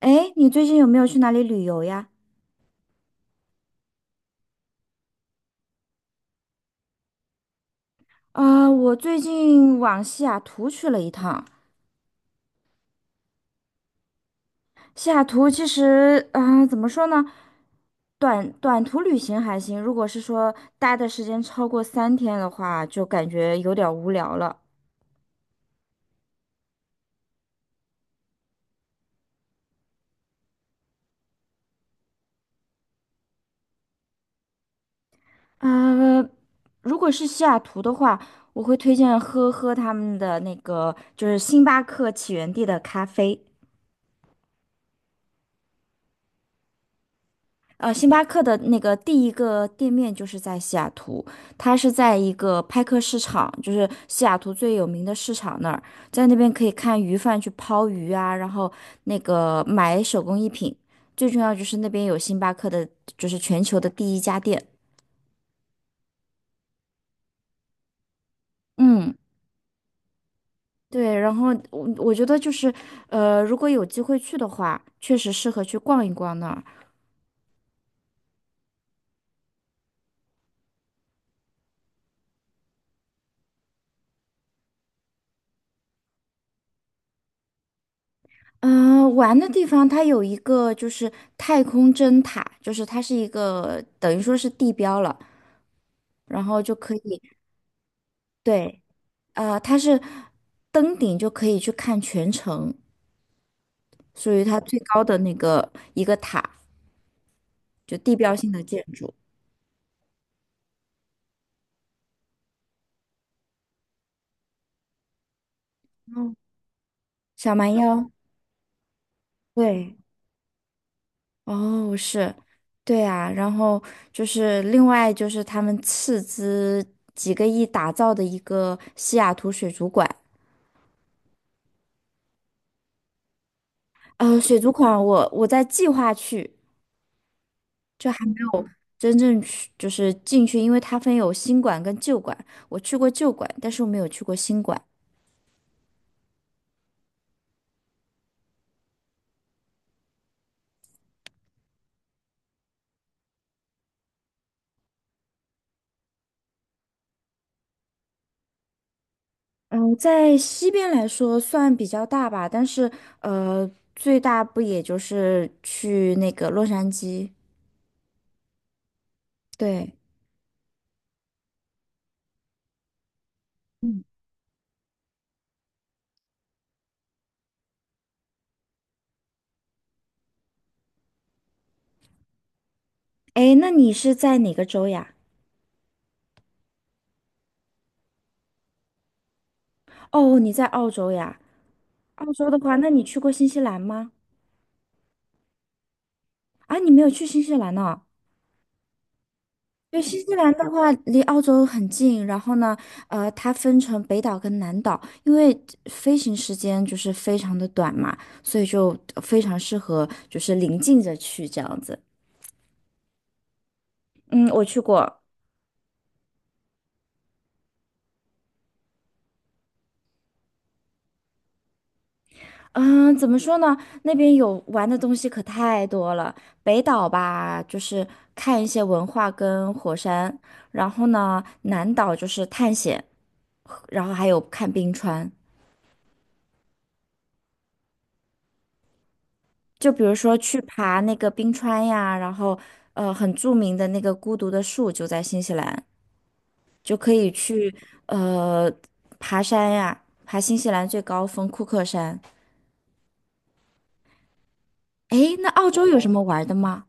哎，你最近有没有去哪里旅游呀？我最近往西雅图去了一趟。西雅图其实，怎么说呢，短途旅行还行，如果是说待的时间超过3天的话，就感觉有点儿无聊了。呃，如果是西雅图的话，我会推荐喝喝他们的那个，就是星巴克起源地的咖啡。星巴克的那个第一个店面就是在西雅图，它是在一个派克市场，就是西雅图最有名的市场那儿，在那边可以看鱼贩去抛鱼啊，然后那个买手工艺品，最重要就是那边有星巴克的，就是全球的第一家店。嗯，对，然后我觉得就是，如果有机会去的话，确实适合去逛一逛那儿。嗯，玩的地方它有一个就是太空针塔，就是它是一个等于说是地标了，然后就可以，对，它是登顶就可以去看全城，属于它最高的那个一个塔，就地标性的建筑。嗯，小蛮腰，对，哦，是，对啊，然后就是另外就是他们斥资几个亿打造的一个西雅图水族馆。水族馆我在计划去，就还没有真正去，就是进去，因为它分有新馆跟旧馆。我去过旧馆，但是我没有去过新馆。嗯，在西边来说算比较大吧，但是呃，最大不也就是去那个洛杉矶？对，嗯，哎，那你是在哪个州呀？哦，你在澳洲呀？澳洲的话，那你去过新西兰吗？啊，你没有去新西兰呢？因为新西兰的话离澳洲很近，然后呢，它分成北岛跟南岛，因为飞行时间就是非常的短嘛，所以就非常适合就是临近着去这样子。嗯，我去过，嗯，怎么说呢？那边有玩的东西可太多了。北岛吧，就是看一些文化跟火山，然后呢，南岛就是探险，然后还有看冰川。就比如说去爬那个冰川呀，然后很著名的那个孤独的树就在新西兰，就可以去呃爬山呀，爬新西兰最高峰库克山。诶，那澳洲有什么玩的吗？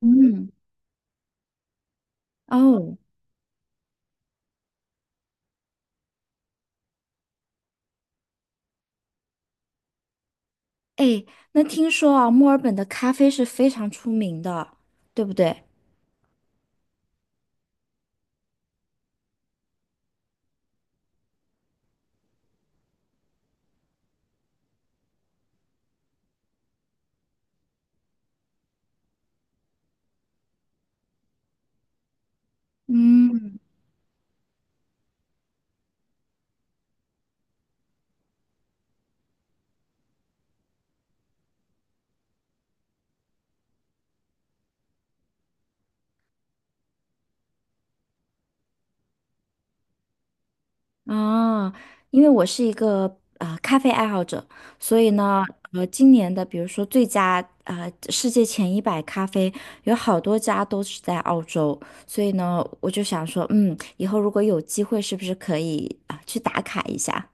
嗯，哦，诶，那听说啊，墨尔本的咖啡是非常出名的，对不对？嗯，啊，因为我是一个咖啡爱好者，所以呢，今年的比如说最佳世界前100咖啡，有好多家都是在澳洲，所以呢，我就想说，以后如果有机会，是不是可以去打卡一下？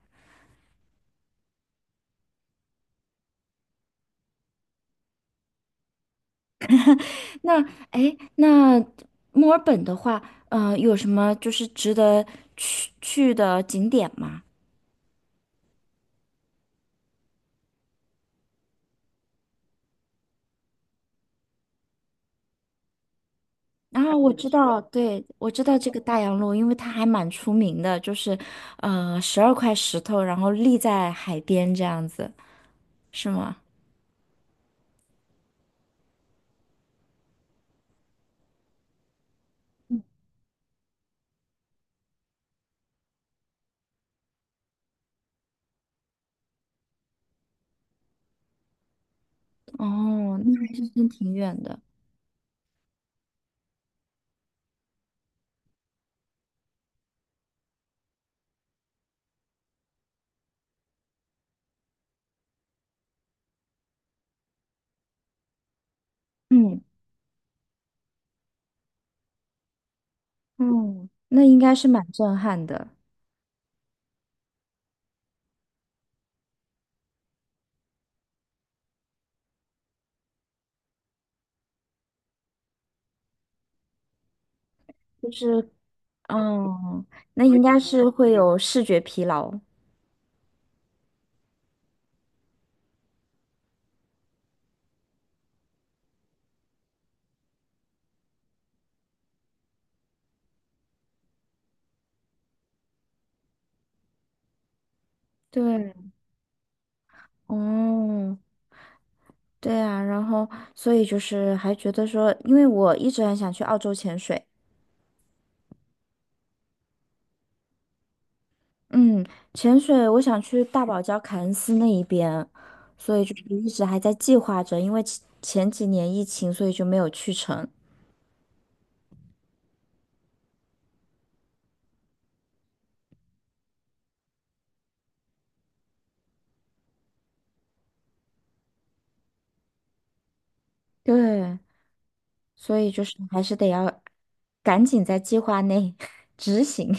那哎，那墨尔本的话，有什么就是值得去的景点吗？啊，我知道 对，我知道这个大洋路，因为它还蛮出名的，就是，12块石头，然后立在海边这样子，是吗？哦，那还是真挺远的。嗯，哦，那应该是蛮震撼的，就是，哦，那应该是会有视觉疲劳 对，哦，对啊，然后所以就是还觉得说，因为我一直很想去澳洲潜水。嗯，潜水我想去大堡礁凯恩斯那一边，所以就是一直还在计划着，因为前几年疫情，所以就没有去成。对，所以就是还是得要赶紧在计划内 执行。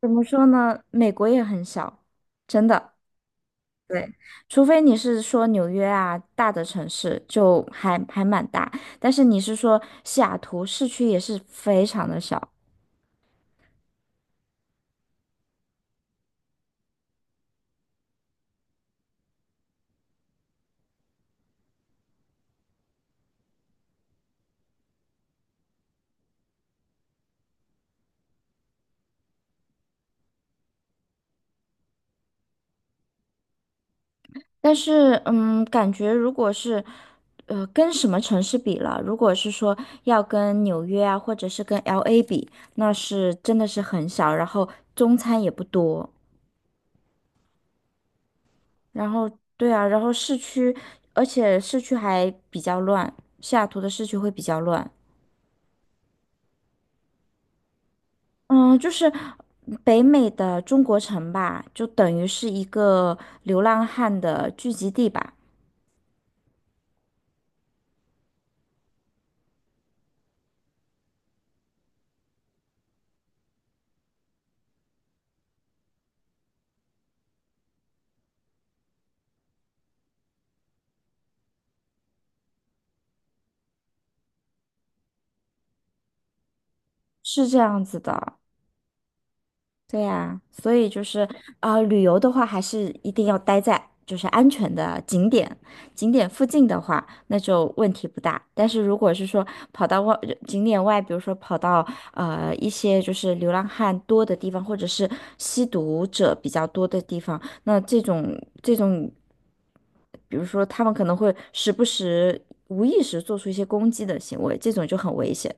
怎么说呢？美国也很小，真的。对，除非你是说纽约啊，大的城市就还蛮大，但是你是说西雅图市区也是非常的小。但是，感觉如果是，跟什么城市比了？如果是说要跟纽约啊，或者是跟 LA 比，那是真的是很少，然后中餐也不多，然后对啊，然后市区，而且市区还比较乱，西雅图的市区会比较乱。嗯，就是北美的中国城吧，就等于是一个流浪汉的聚集地吧，是这样子的。对呀，所以就是旅游的话还是一定要待在就是安全的景点，景点附近的话，那就问题不大。但是如果是说跑到外景点外，比如说跑到一些就是流浪汉多的地方，或者是吸毒者比较多的地方，那这种，比如说他们可能会时不时无意识做出一些攻击的行为，这种就很危险。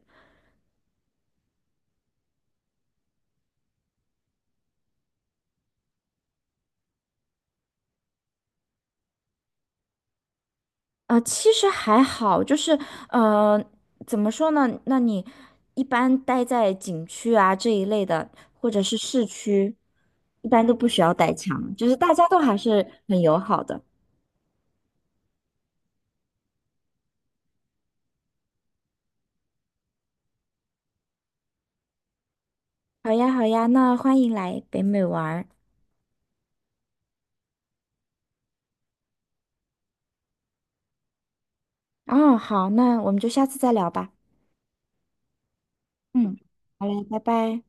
啊，其实还好，就是呃，怎么说呢？那你一般待在景区啊这一类的，或者是市区，一般都不需要带枪，就是大家都还是很友好的。好呀，好呀，那欢迎来北美玩儿。哦，好，那我们就下次再聊吧。嗯，好嘞，拜拜。